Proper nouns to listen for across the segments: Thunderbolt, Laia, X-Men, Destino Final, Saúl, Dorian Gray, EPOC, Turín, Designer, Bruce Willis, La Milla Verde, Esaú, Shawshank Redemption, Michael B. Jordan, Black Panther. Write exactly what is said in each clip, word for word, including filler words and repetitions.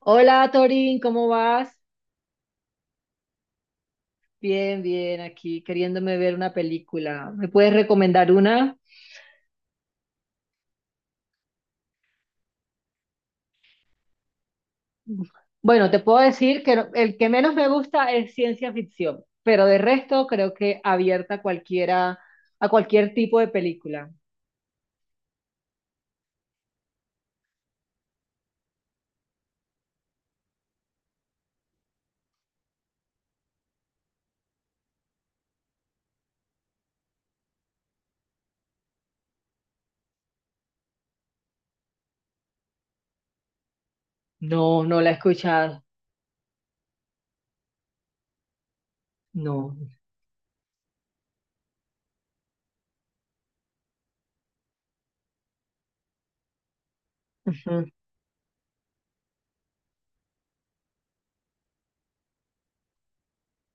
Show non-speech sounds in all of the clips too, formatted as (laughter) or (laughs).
Hola Torín, ¿cómo vas? Bien, bien, aquí queriéndome ver una película. ¿Me puedes recomendar una? Bueno, te puedo decir que no- el que menos me gusta es ciencia ficción, pero de resto creo que abierta a cualquiera, a cualquier tipo de película. No, no la he escuchado. No. Ujú.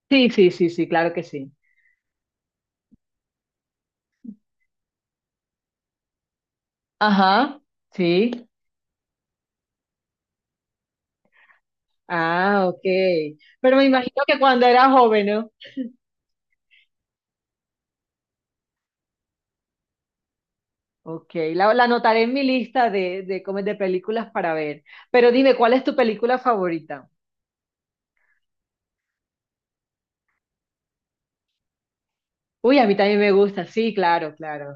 Sí, sí, sí, sí, claro que sí. Ajá, sí. Ah, ok. Pero me imagino que cuando era joven, ¿no? Ok, la, la anotaré en mi lista de, de, como de películas para ver. Pero dime, ¿cuál es tu película favorita? Uy, a mí también me gusta, sí, claro, claro.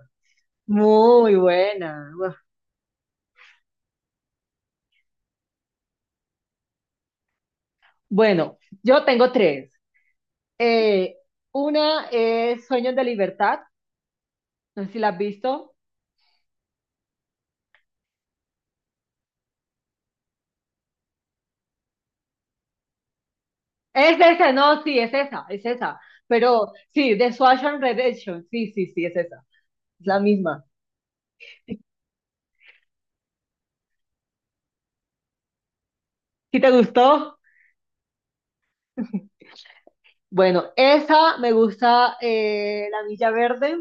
Muy buena. Uf. Bueno, yo tengo tres. Eh, una es Sueños de Libertad, no sé si la has visto. Es esa, no, sí, es esa, es esa. Pero sí, de Shawshank Redemption, sí, sí, sí, es esa, es la misma. ¿Sí te gustó? Bueno, esa me gusta, eh, La Milla Verde,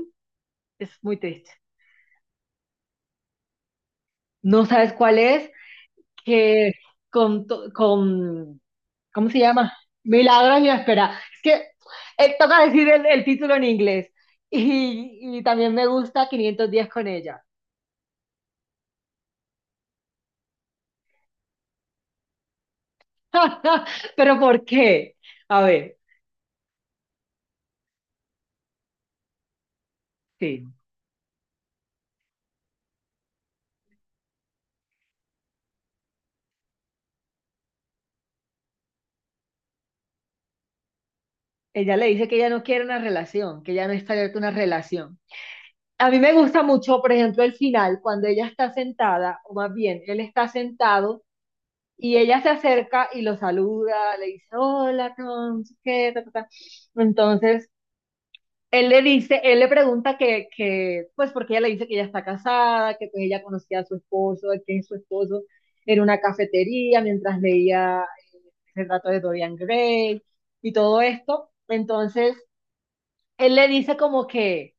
es muy triste. No sabes cuál es, que con, to- con, ¿cómo se llama? Milagros y la espera. Es que eh, toca decir el, el título en inglés. Y, y también me gusta quinientos días con ella. (laughs) Pero ¿por qué? A ver, sí. Ella le dice que ella no quiere una relación, que ella no está abierta a una relación. A mí me gusta mucho, por ejemplo, el final, cuando ella está sentada, o más bien, él está sentado. Y ella se acerca y lo saluda, le dice, "Hola, Tom, ¿qué? Ta, ta, ta". Entonces, él le dice, él le pregunta que, que, pues porque ella le dice que ella está casada, que pues ella conocía a su esposo, que su esposo era una cafetería mientras leía el relato de Dorian Gray y todo esto. Entonces, él le dice como que,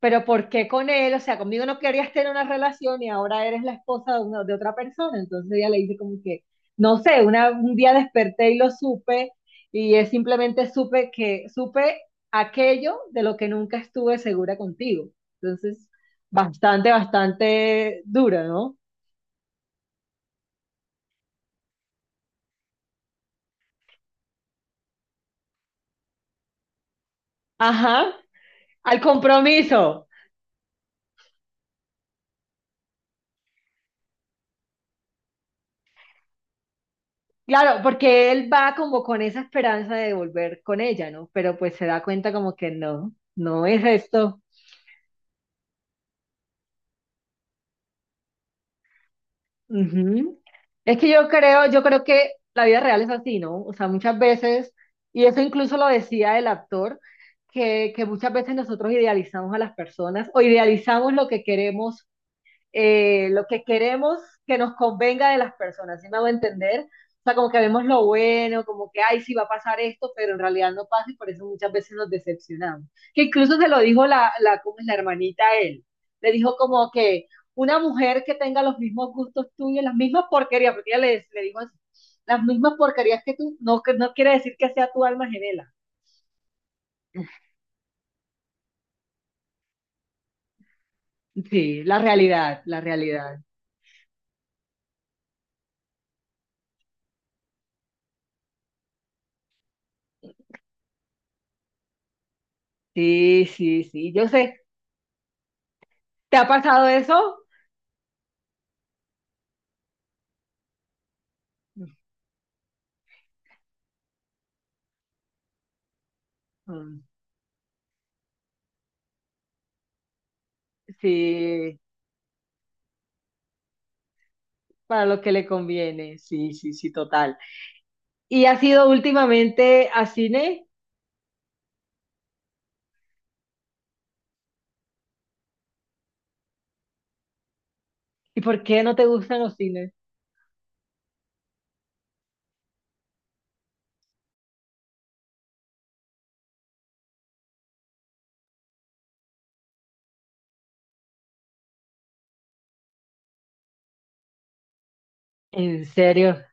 pero ¿por qué con él? O sea, conmigo no querías tener una relación y ahora eres la esposa de, una- de otra persona. Entonces ella le dice como que, no sé, una, un día desperté y lo supe y es simplemente supe que supe aquello de lo que nunca estuve segura contigo. Entonces, bastante, bastante dura, ¿no? Ajá, al compromiso. Claro, porque él va como con esa esperanza de volver con ella, ¿no? Pero pues se da cuenta como que no, no es esto. Ujú. Es que yo creo, yo creo que la vida real es así, ¿no? O sea, muchas veces, y eso incluso lo decía el actor, que, que muchas veces nosotros idealizamos a las personas o idealizamos lo que queremos eh, lo que queremos que nos convenga de las personas, ¿sí me hago entender? O sea, como que vemos lo bueno, como que, ay, sí va a pasar esto, pero en realidad no pasa y por eso muchas veces nos decepcionamos. Que incluso se lo dijo la, la, ¿cómo es la hermanita a él? Le dijo como que una mujer que tenga los mismos gustos tuyos, las mismas porquerías, porque ella le, le dijo así, las mismas porquerías que tú, no, que no quiere decir que sea tu alma gemela. Sí, la realidad, la realidad. Sí, sí, sí. Yo sé, ¿te ha pasado eso? Mm. Sí, para lo que le conviene, sí, sí, sí, total. ¿Y has ido últimamente a cine? ¿Y por qué no te gustan los cines? ¿En serio?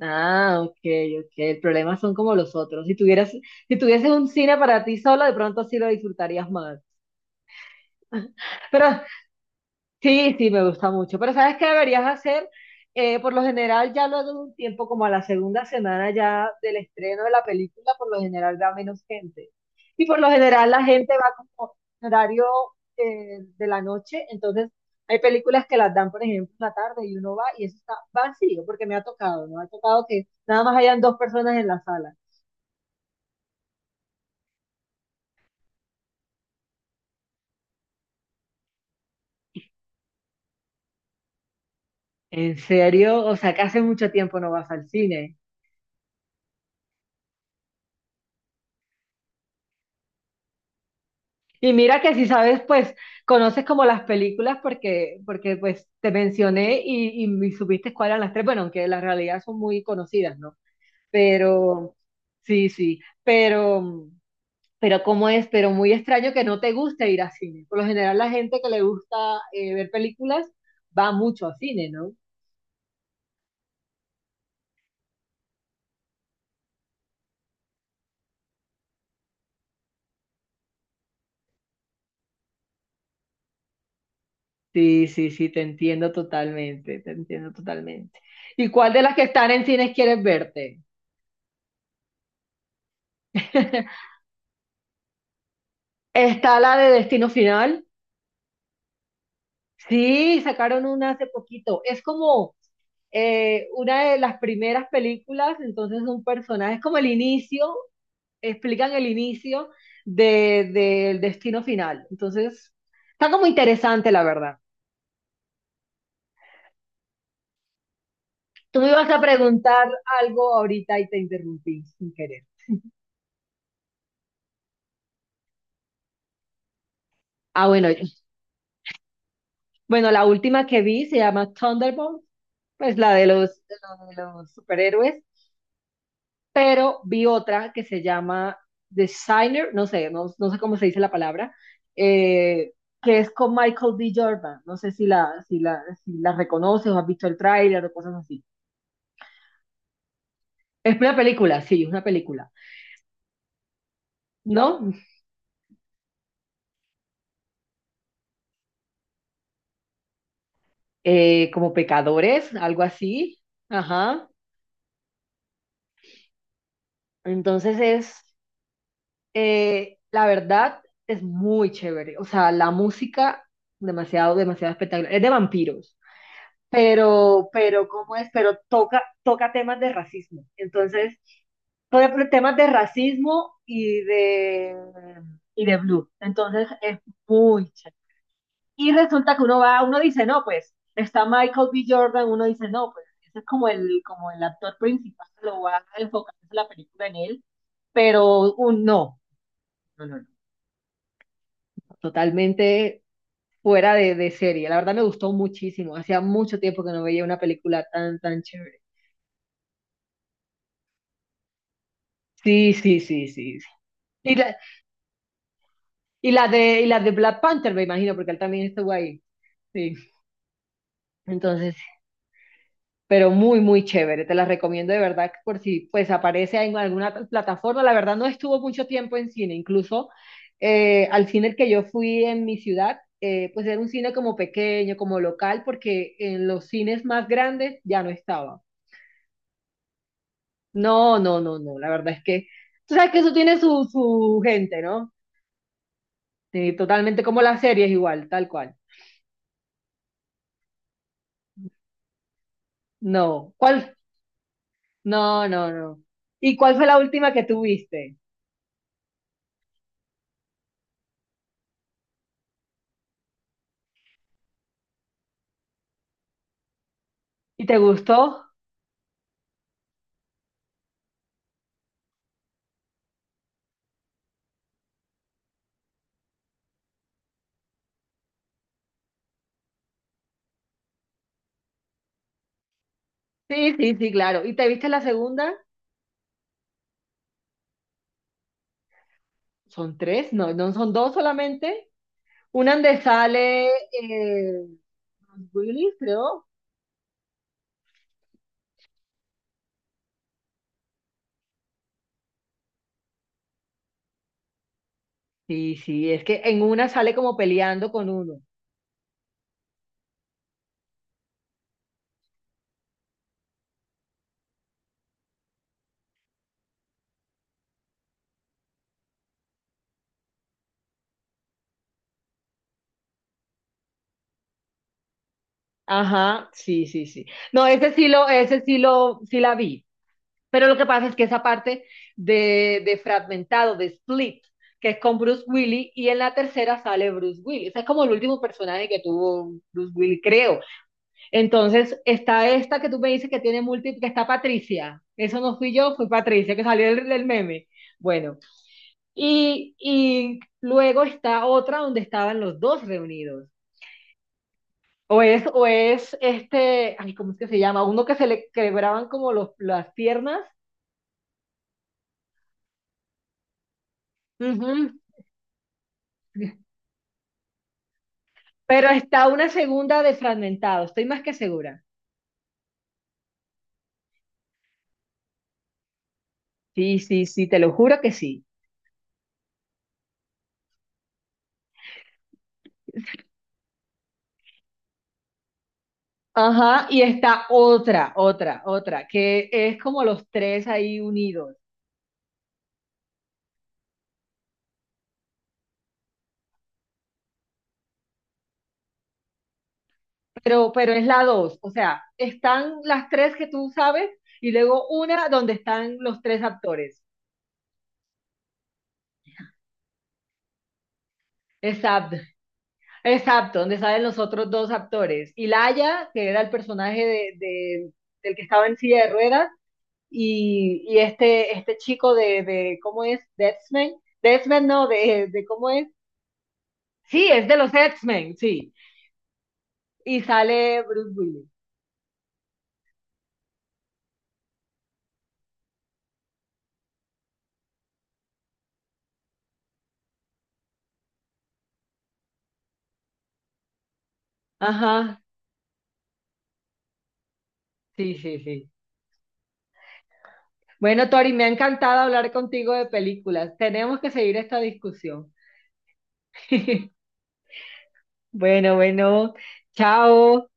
Ah, ok, ok. El problema son como los otros. Si tuvieras, si tuvieses un cine para ti solo, de pronto sí lo disfrutarías más. Pero sí, sí, me gusta mucho. Pero ¿sabes qué deberías hacer? Eh, por lo general, ya luego de un tiempo, como a la segunda semana ya del estreno de la película, por lo general va menos gente. Y por lo general la gente va como en horario eh, de la noche. Entonces hay películas que las dan, por ejemplo, en la tarde y uno va y eso está vacío, porque me ha tocado, ¿no? Ha tocado que nada más hayan dos personas en la sala. ¿En serio? O sea, que hace mucho tiempo no vas al cine. Y mira que si sabes, pues conoces como las películas porque, porque pues te mencioné y, y, y supiste cuáles eran las tres, bueno, aunque las realidad son muy conocidas, ¿no? Pero, sí, sí, pero, pero cómo es, pero muy extraño que no te guste ir a cine. Por lo general la gente que le gusta eh, ver películas va mucho a cine, ¿no? Sí, sí, sí, te entiendo totalmente, te entiendo totalmente. ¿Y cuál de las que están en cines quieres verte? (laughs) Está la de Destino Final. Sí, sacaron una hace poquito. Es como eh, una de las primeras películas, entonces un personaje, es como el inicio, explican el inicio de, del destino final. Entonces, está como interesante, la verdad. Tú me ibas a preguntar algo ahorita y te interrumpí sin querer. Ah, bueno, bueno, la última que vi se llama Thunderbolt, pues la de los, de los de los superhéroes. Pero vi otra que se llama Designer, no sé, no, no sé cómo se dice la palabra, eh, que es con Michael D. Jordan. No sé si la, si la, si la reconoces o has visto el tráiler o cosas así. Es una película, sí, es una película, ¿no? Eh, como pecadores, algo así. Ajá. Entonces es, eh, la verdad, es muy chévere. O sea, la música, demasiado, demasiado espectacular. Es de vampiros. pero, pero, ¿cómo es? Pero toca, toca temas de racismo. Entonces, toca pr- temas de racismo y de, y de blue. Entonces, es muy chévere. Y resulta que uno va, uno dice, no, pues, está Michael B. Jordan, uno dice, no, pues, ese es como el, como el actor principal, lo va a enfocar la película en él, pero un no, no, no, no, totalmente fuera de, de serie. La verdad me gustó muchísimo. Hacía mucho tiempo que no veía una película tan, tan chévere. Sí, sí, sí, sí, sí. Y la, y la de, y la de Black Panther, me imagino, porque él también estuvo ahí. Sí. Entonces, pero muy, muy chévere. Te la recomiendo de verdad que por si pues aparece en alguna plataforma. La verdad no estuvo mucho tiempo en cine. Incluso eh, al cine que yo fui en mi ciudad, eh, pues era un cine como pequeño, como local, porque en los cines más grandes ya no estaba. No, no, no, no. La verdad es que tú sabes que eso tiene su, su gente, ¿no? Sí, totalmente como las series igual, tal cual. No. ¿Cuál? No, no, no. ¿Y cuál fue la última que tuviste? ¿Y te gustó? Sí, sí, sí, claro. ¿Y te viste la segunda? Son tres, no, no son dos solamente. Una donde sale eh, Bruce Willis, creo. Sí, sí, es que en una sale como peleando con uno. Ajá, sí, sí, sí. No, ese sí lo, ese sí lo, sí la vi. Pero lo que pasa es que esa parte de, de fragmentado, de split, que es con Bruce Willis, y en la tercera sale Bruce Willis. Ese es como el último personaje que tuvo Bruce Willis, creo. Entonces, está esta que tú me dices que tiene múltiples, que está Patricia. Eso no fui yo, fue Patricia, que salió del, del meme. Bueno, y, y luego está otra donde estaban los dos reunidos. O es, o es este, ay, ¿cómo es que se llama? Uno que se le quebraban como los, las piernas. Ujú, pero está una segunda de fragmentado, estoy más que segura. Sí, sí, sí, te lo juro que sí. Ajá, y está otra, otra, otra, que es como los tres ahí unidos, pero, pero es la dos, o sea, están las tres que tú sabes y luego una donde están los tres actores. Exacto, exacto, donde salen los otros dos actores. Y Laia, que era el personaje de, de- del que estaba en silla de ruedas, y, y este, este chico de, de ¿cómo es? De X Men. De X-Men no, de, de, ¿cómo es? Sí, es de los X Men, sí. Y sale Bruce Willis. Ajá, sí, sí, sí. Bueno, Tori, me ha encantado hablar contigo de películas. Tenemos que seguir esta discusión. (laughs) Bueno, bueno, chao.